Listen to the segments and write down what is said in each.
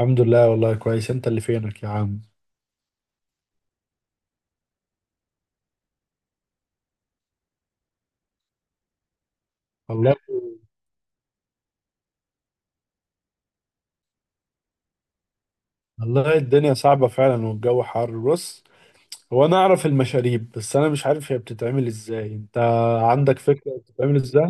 الحمد لله، والله كويس. انت اللي فينك يا عم؟ والله والله الدنيا صعبة فعلا والجو حر. بص، هو انا اعرف المشاريب بس انا مش عارف هي بتتعمل ازاي. انت عندك فكرة بتتعمل ازاي؟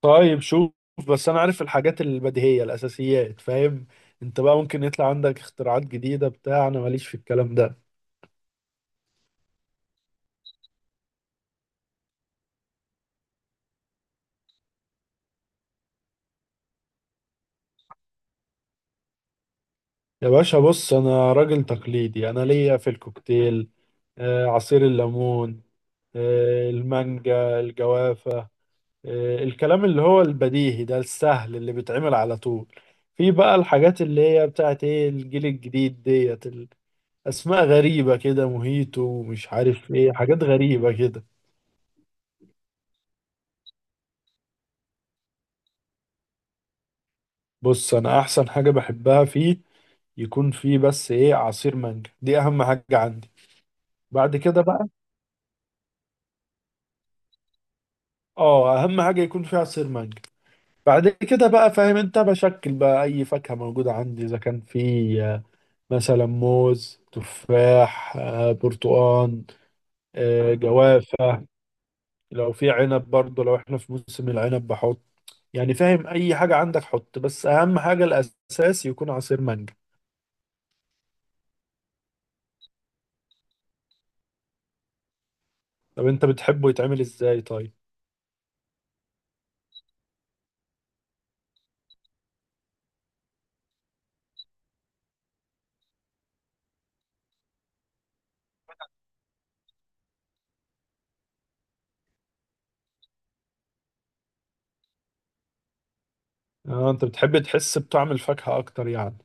طيب شوف، بس انا عارف الحاجات البديهية الاساسيات، فاهم؟ انت بقى ممكن يطلع عندك اختراعات جديدة بتاع، انا ماليش في الكلام ده. يا باشا بص، انا راجل تقليدي. انا ليا في الكوكتيل عصير الليمون، المانجا، الجوافة، الكلام اللي هو البديهي ده، السهل اللي بيتعمل على طول. في بقى الحاجات اللي هي بتاعت ايه، الجيل الجديد ديت اسماء غريبة كده، موهيتو ومش عارف ايه، حاجات غريبة كده. بص، انا احسن حاجة بحبها فيه يكون فيه بس ايه، عصير مانجا، دي اهم حاجة عندي. بعد كده بقى، اه اهم حاجة يكون فيه عصير مانجا. بعد كده بقى فاهم انت، بشكل بقى اي فاكهة موجودة عندي، اذا كان فيه مثلا موز، تفاح، برتقال، جوافة، لو في عنب برضه، لو احنا في موسم العنب بحط. يعني فاهم، اي حاجة عندك حط، بس اهم حاجة الاساس يكون عصير مانجا. طب انت بتحبه يتعمل ازاي طيب؟ اه انت بتحب تحس بطعم الفاكهة اكتر يعني.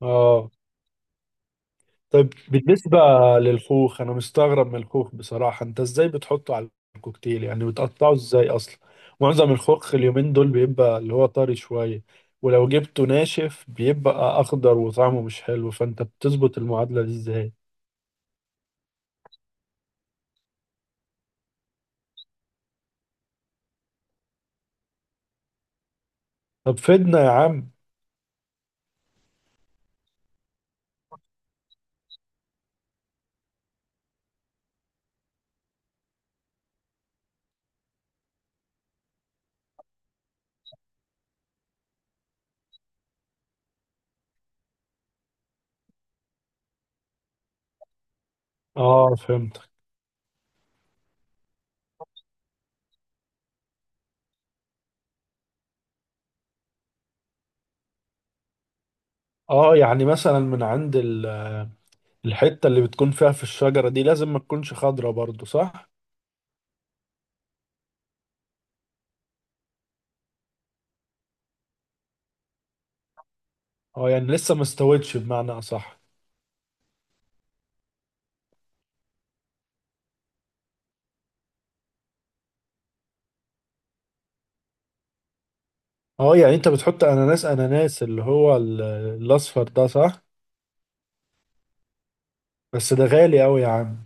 اه. طب بالنسبة للخوخ، انا مستغرب من الخوخ بصراحة. انت ازاي بتحطه على الكوكتيل؟ يعني بتقطعه ازاي اصلا؟ معظم الخوخ اليومين دول بيبقى اللي هو طري شوية، ولو جبته ناشف بيبقى اخضر وطعمه مش حلو، فانت بتظبط المعادلة دي ازاي؟ طب فيدنا يا عم. اه فهمتك. اه يعني مثلا من عند الحتة اللي بتكون فيها في الشجرة دي لازم ما تكونش خضرة برضو، صح؟ اه يعني لسه ما استوتش بمعنى اصح. اه يعني انت بتحط اناناس، الاصفر ده، صح؟ بس ده غالي قوي يا عم.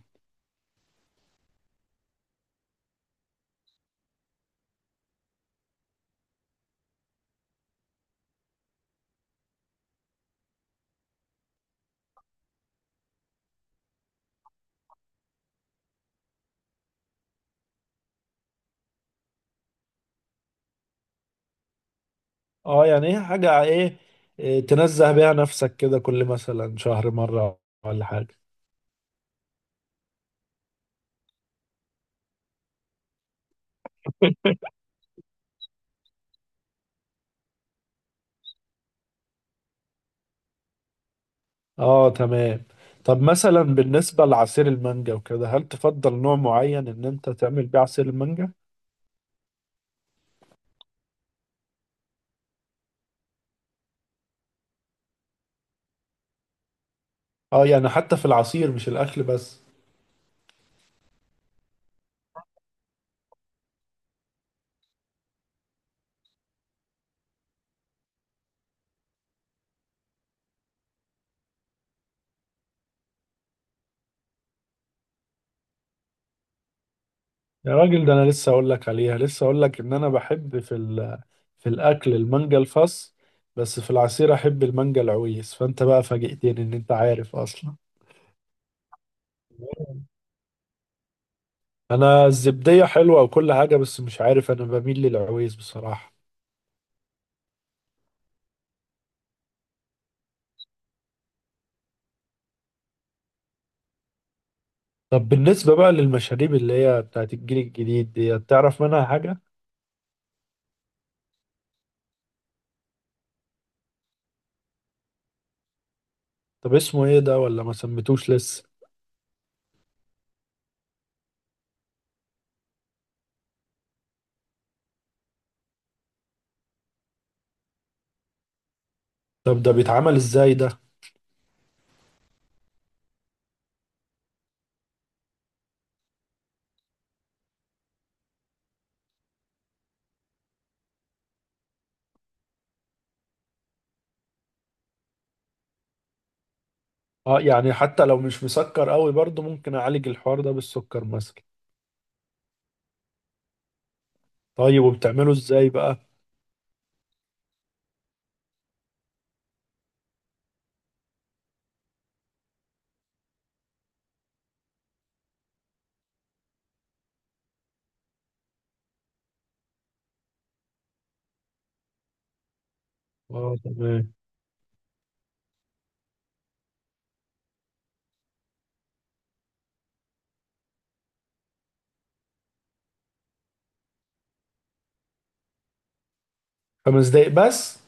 اه يعني ايه حاجة ايه، إيه، آه، تنزه بيها نفسك كده كل مثلا شهر مرة، ولا حاجة. اه تمام. طب مثلا بالنسبة لعصير المانجا وكده، هل تفضل نوع معين ان انت تعمل بيه عصير المانجا؟ اه يعني حتى في العصير، مش الاكل بس؟ يا راجل، ده انا لسه اقول لك عليها، لسه اقول لك ان انا بحب في في الاكل المانجا الفص، بس في العصير احب المانجا العويس، فانت بقى فاجئتني ان انت عارف اصلا. انا الزبدية حلوة وكل حاجة، بس مش عارف، انا بميل للعويس بصراحة. طب بالنسبة بقى للمشاريب اللي هي بتاعت الجيل الجديد دي، تعرف منها حاجة؟ طب اسمه ايه ده، ولا ما سميتوش لسه؟ طب ده بيتعمل ازاي ده؟ اه يعني حتى لو مش مسكر قوي برضه، ممكن اعالج الحوار ده بالسكر مثلا. طيب وبتعمله ازاي بقى؟ اه تمام. خمس دقايق بس؟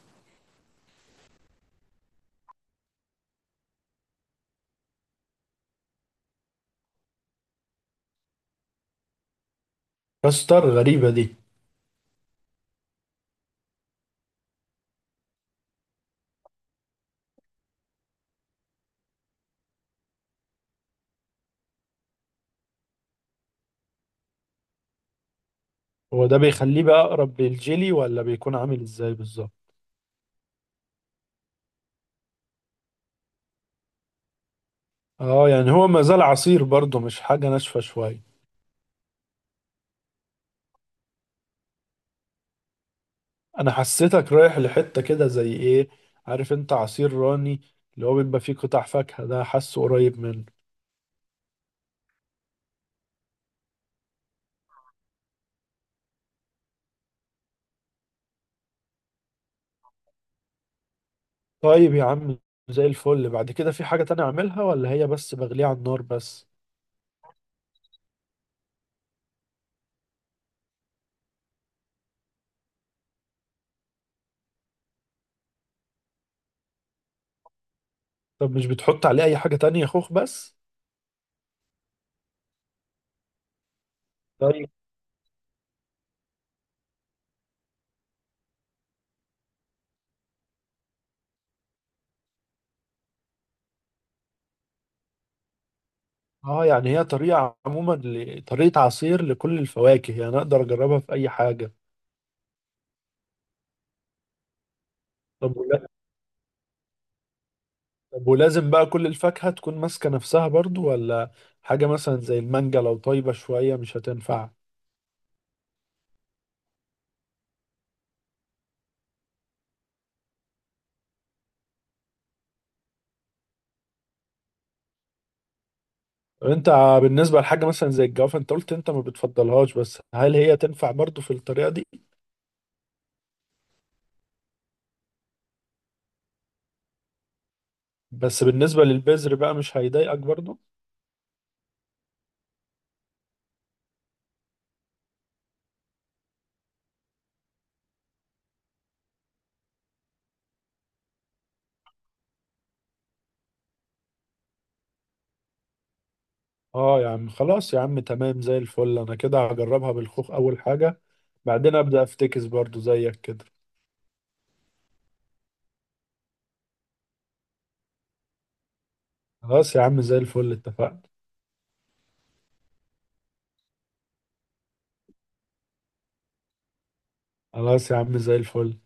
كستر؟ غريبة دي. هو ده بيخليه بقى اقرب للجيلي، ولا بيكون عامل ازاي بالظبط؟ اه يعني هو ما زال عصير برضه، مش حاجة ناشفة شوية. انا حسيتك رايح لحتة كده زي ايه، عارف انت عصير راني، اللي هو بيبقى فيه قطع فاكهة ده، حاسه قريب منه. طيب يا عم، زي الفل. بعد كده في حاجة تانية اعملها، ولا هي بس بغليها على النار بس؟ طب مش بتحط عليه اي حاجة تانية، خوخ بس؟ طيب. اه يعني هي طريقة عموما طريقة عصير لكل الفواكه، يعني اقدر اجربها في اي حاجة. طب ولا... طب ولازم بقى كل الفاكهة تكون ماسكة نفسها برضو، ولا حاجة مثلا زي المانجا لو طيبة شوية مش هتنفع؟ طب انت بالنسبة لحاجة مثلا زي الجوافة، انت قلت انت ما بتفضلهاش، بس هل هي تنفع برضو في الطريقة دي؟ بس بالنسبة للبذر بقى، مش هيضايقك برضو؟ اه يا عم خلاص يا عم، تمام زي الفل. انا كده هجربها بالخوخ اول حاجة، بعدين ابدأ افتكس برضو زيك كده. خلاص يا عم زي الفل، اتفقنا. خلاص يا عم زي الفل.